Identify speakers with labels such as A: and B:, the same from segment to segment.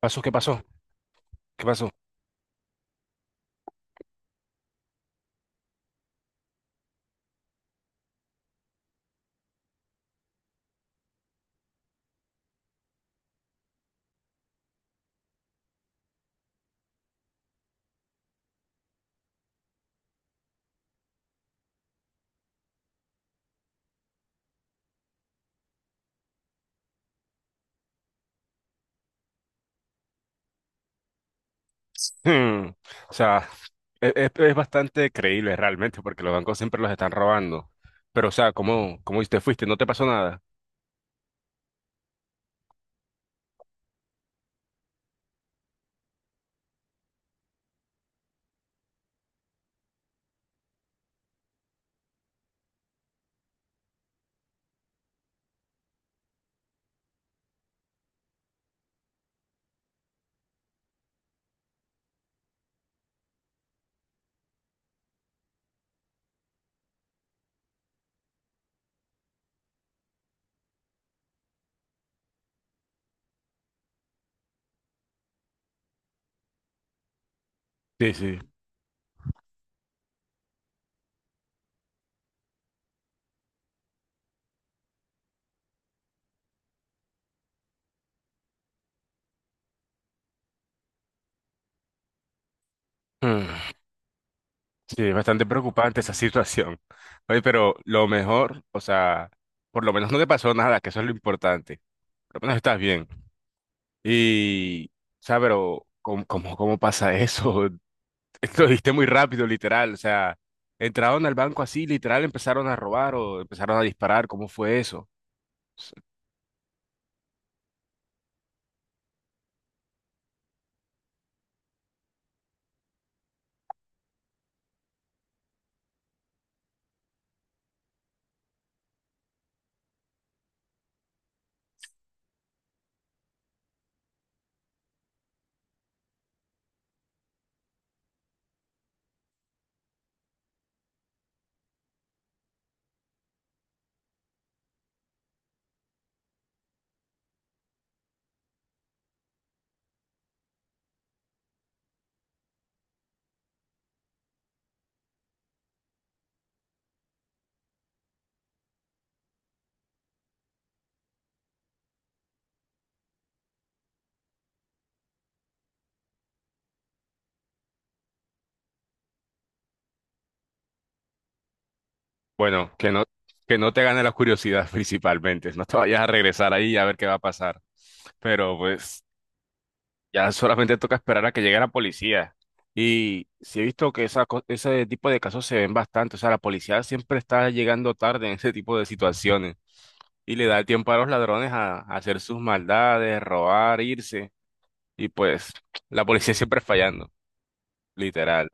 A: ¿Pasó? ¿Qué pasó? ¿Qué pasó? Hmm. O sea, es bastante creíble realmente porque los bancos siempre los están robando. Pero, o sea, ¿cómo te fuiste? ¿No te pasó nada? Sí, sí. Hmm. Sí, es bastante preocupante esa situación. Oye, pero lo mejor, o sea, por lo menos no te pasó nada, que eso es lo importante. Por lo menos estás bien. Y, o sea, pero ¿cómo pasa eso? Lo diste muy rápido, literal. O sea, entraron al banco así, literal, empezaron a robar o empezaron a disparar. ¿Cómo fue eso? S- Bueno, que no te gane la curiosidad principalmente. No te vayas a regresar ahí a ver qué va a pasar. Pero pues ya solamente toca esperar a que llegue la policía. Y sí he visto que ese tipo de casos se ven bastante. O sea, la policía siempre está llegando tarde en ese tipo de situaciones. Y le da el tiempo a los ladrones a hacer sus maldades, robar, irse. Y pues la policía siempre fallando, literal.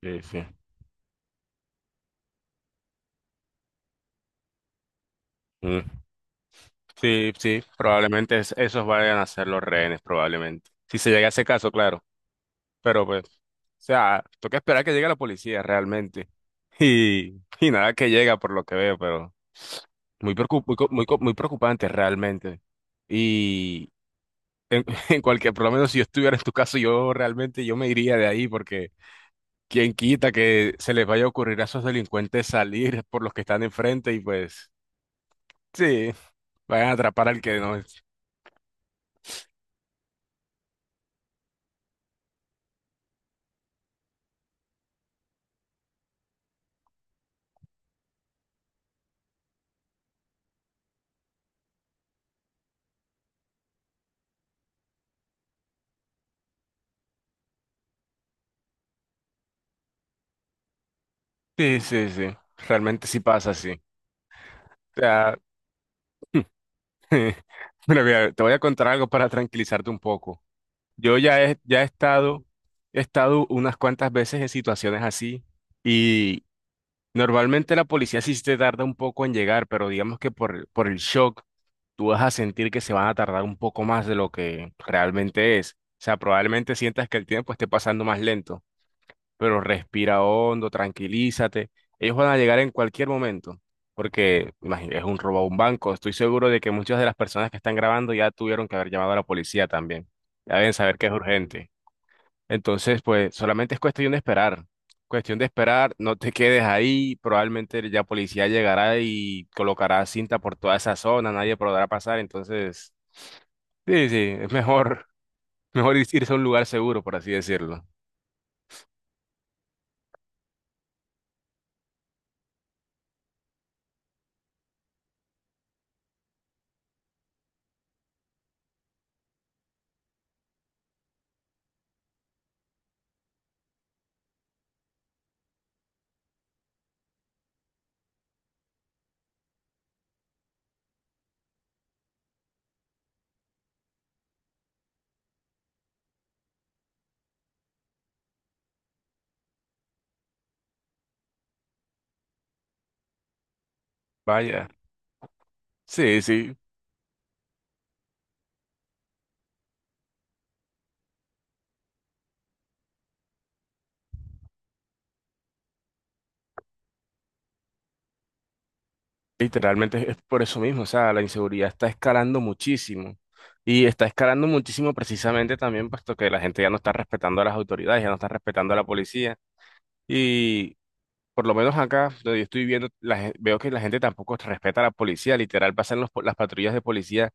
A: Sí, sí. Mm. Sí, sí, probablemente esos vayan a ser los rehenes, probablemente. Si se llega a ese caso, claro. Pero pues, o sea, toca esperar que llegue la policía realmente. Y, y nada que llega por lo que veo, pero muy preocup- muy, co- muy, co- muy preocupante realmente. Y en, en cualquier, por lo menos si yo estuviera en tu caso, yo realmente yo me iría de ahí porque ¿quién quita que se les vaya a ocurrir a esos delincuentes salir por los que están enfrente y pues sí, vayan a atrapar al que no es? Sí, sí, sí, realmente sí pasa así. O sea, mira, mira, te voy a contar algo para tranquilizarte un poco. Yo ya he estado unas cuantas veces en situaciones así. Normalmente la policía sí te tarda un poco en llegar, pero digamos que por el shock tú vas a sentir que se van a tardar un poco más de lo que realmente es. O sea, probablemente sientas que el tiempo esté pasando más lento, pero respira hondo, tranquilízate. Ellos van a llegar en cualquier momento, porque imagínate, es un robo a un banco. Estoy seguro de que muchas de las personas que están grabando ya tuvieron que haber llamado a la policía también. Ya deben saber que es urgente. Entonces, pues solamente es cuestión de esperar. Cuestión de esperar, no te quedes ahí, probablemente ya policía llegará y colocará cinta por toda esa zona, nadie podrá pasar, entonces, sí, sí, es mejor, mejor irse a un lugar seguro, por así decirlo. Vaya, sí, sí, literalmente es por eso mismo, o sea, la inseguridad está escalando muchísimo y está escalando muchísimo precisamente también puesto que la gente ya no está respetando a las autoridades, ya no está respetando a la policía. Y por lo menos acá, donde yo estoy viendo, veo que la gente tampoco respeta a la policía. Literal, pasan las patrullas de policía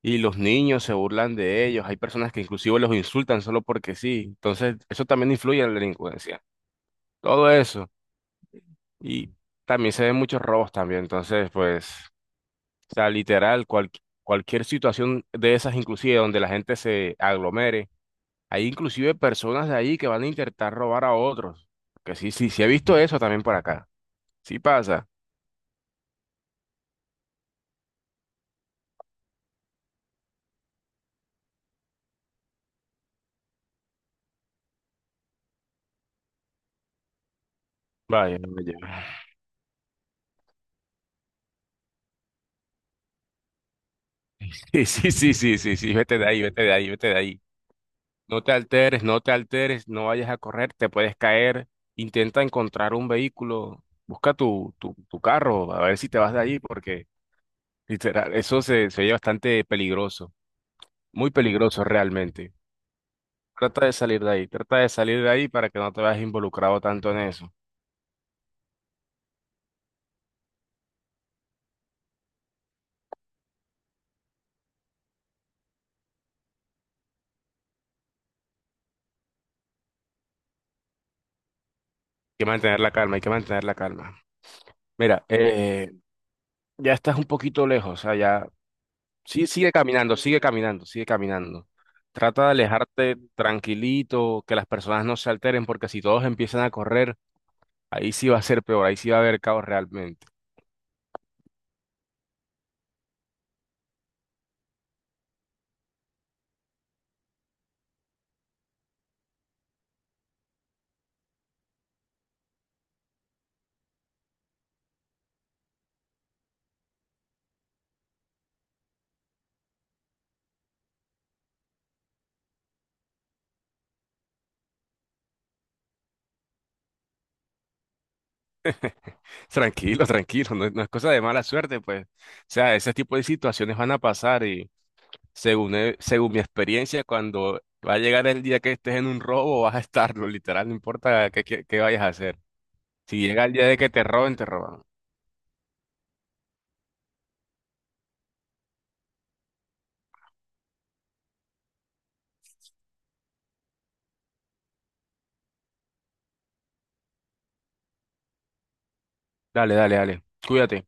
A: y los niños se burlan de ellos. Hay personas que inclusive los insultan solo porque sí. Entonces, eso también influye en la delincuencia. Todo eso. Y también se ven muchos robos también. Entonces, pues, o sea, literal, cualquier situación de esas, inclusive donde la gente se aglomere. Hay inclusive personas de ahí que van a intentar robar a otros. Que sí, sí, sí he visto eso también por acá. Sí pasa. Vaya, vaya. Sí, sí, sí, sí, sí, sí, vete de ahí, vete de ahí, vete de ahí. No te alteres, no te alteres, no vayas a correr, te puedes caer. Intenta encontrar un vehículo, busca tu carro, a ver si te vas de ahí, porque literal, se oye bastante peligroso, muy peligroso realmente. Trata de salir de ahí, trata de salir de ahí para que no te veas involucrado tanto en eso. Hay que mantener la calma, hay que mantener la calma. Mira, ya estás un poquito lejos, o sea ya. Sí, sigue caminando, sigue caminando, sigue caminando. Trata de alejarte tranquilito, que las personas no se alteren, porque si todos empiezan a correr, ahí sí va a ser peor, ahí sí va a haber caos realmente. Tranquilo, tranquilo, no, es no es cosa de mala suerte, pues. O sea, ese tipo de situaciones van a pasar y según mi experiencia, cuando va a llegar el día que estés en un robo, vas a estarlo, literal, no importa qué, qué vayas a hacer. Si llega el día de que te roben, te roban. Dale, dale, dale. Cuídate.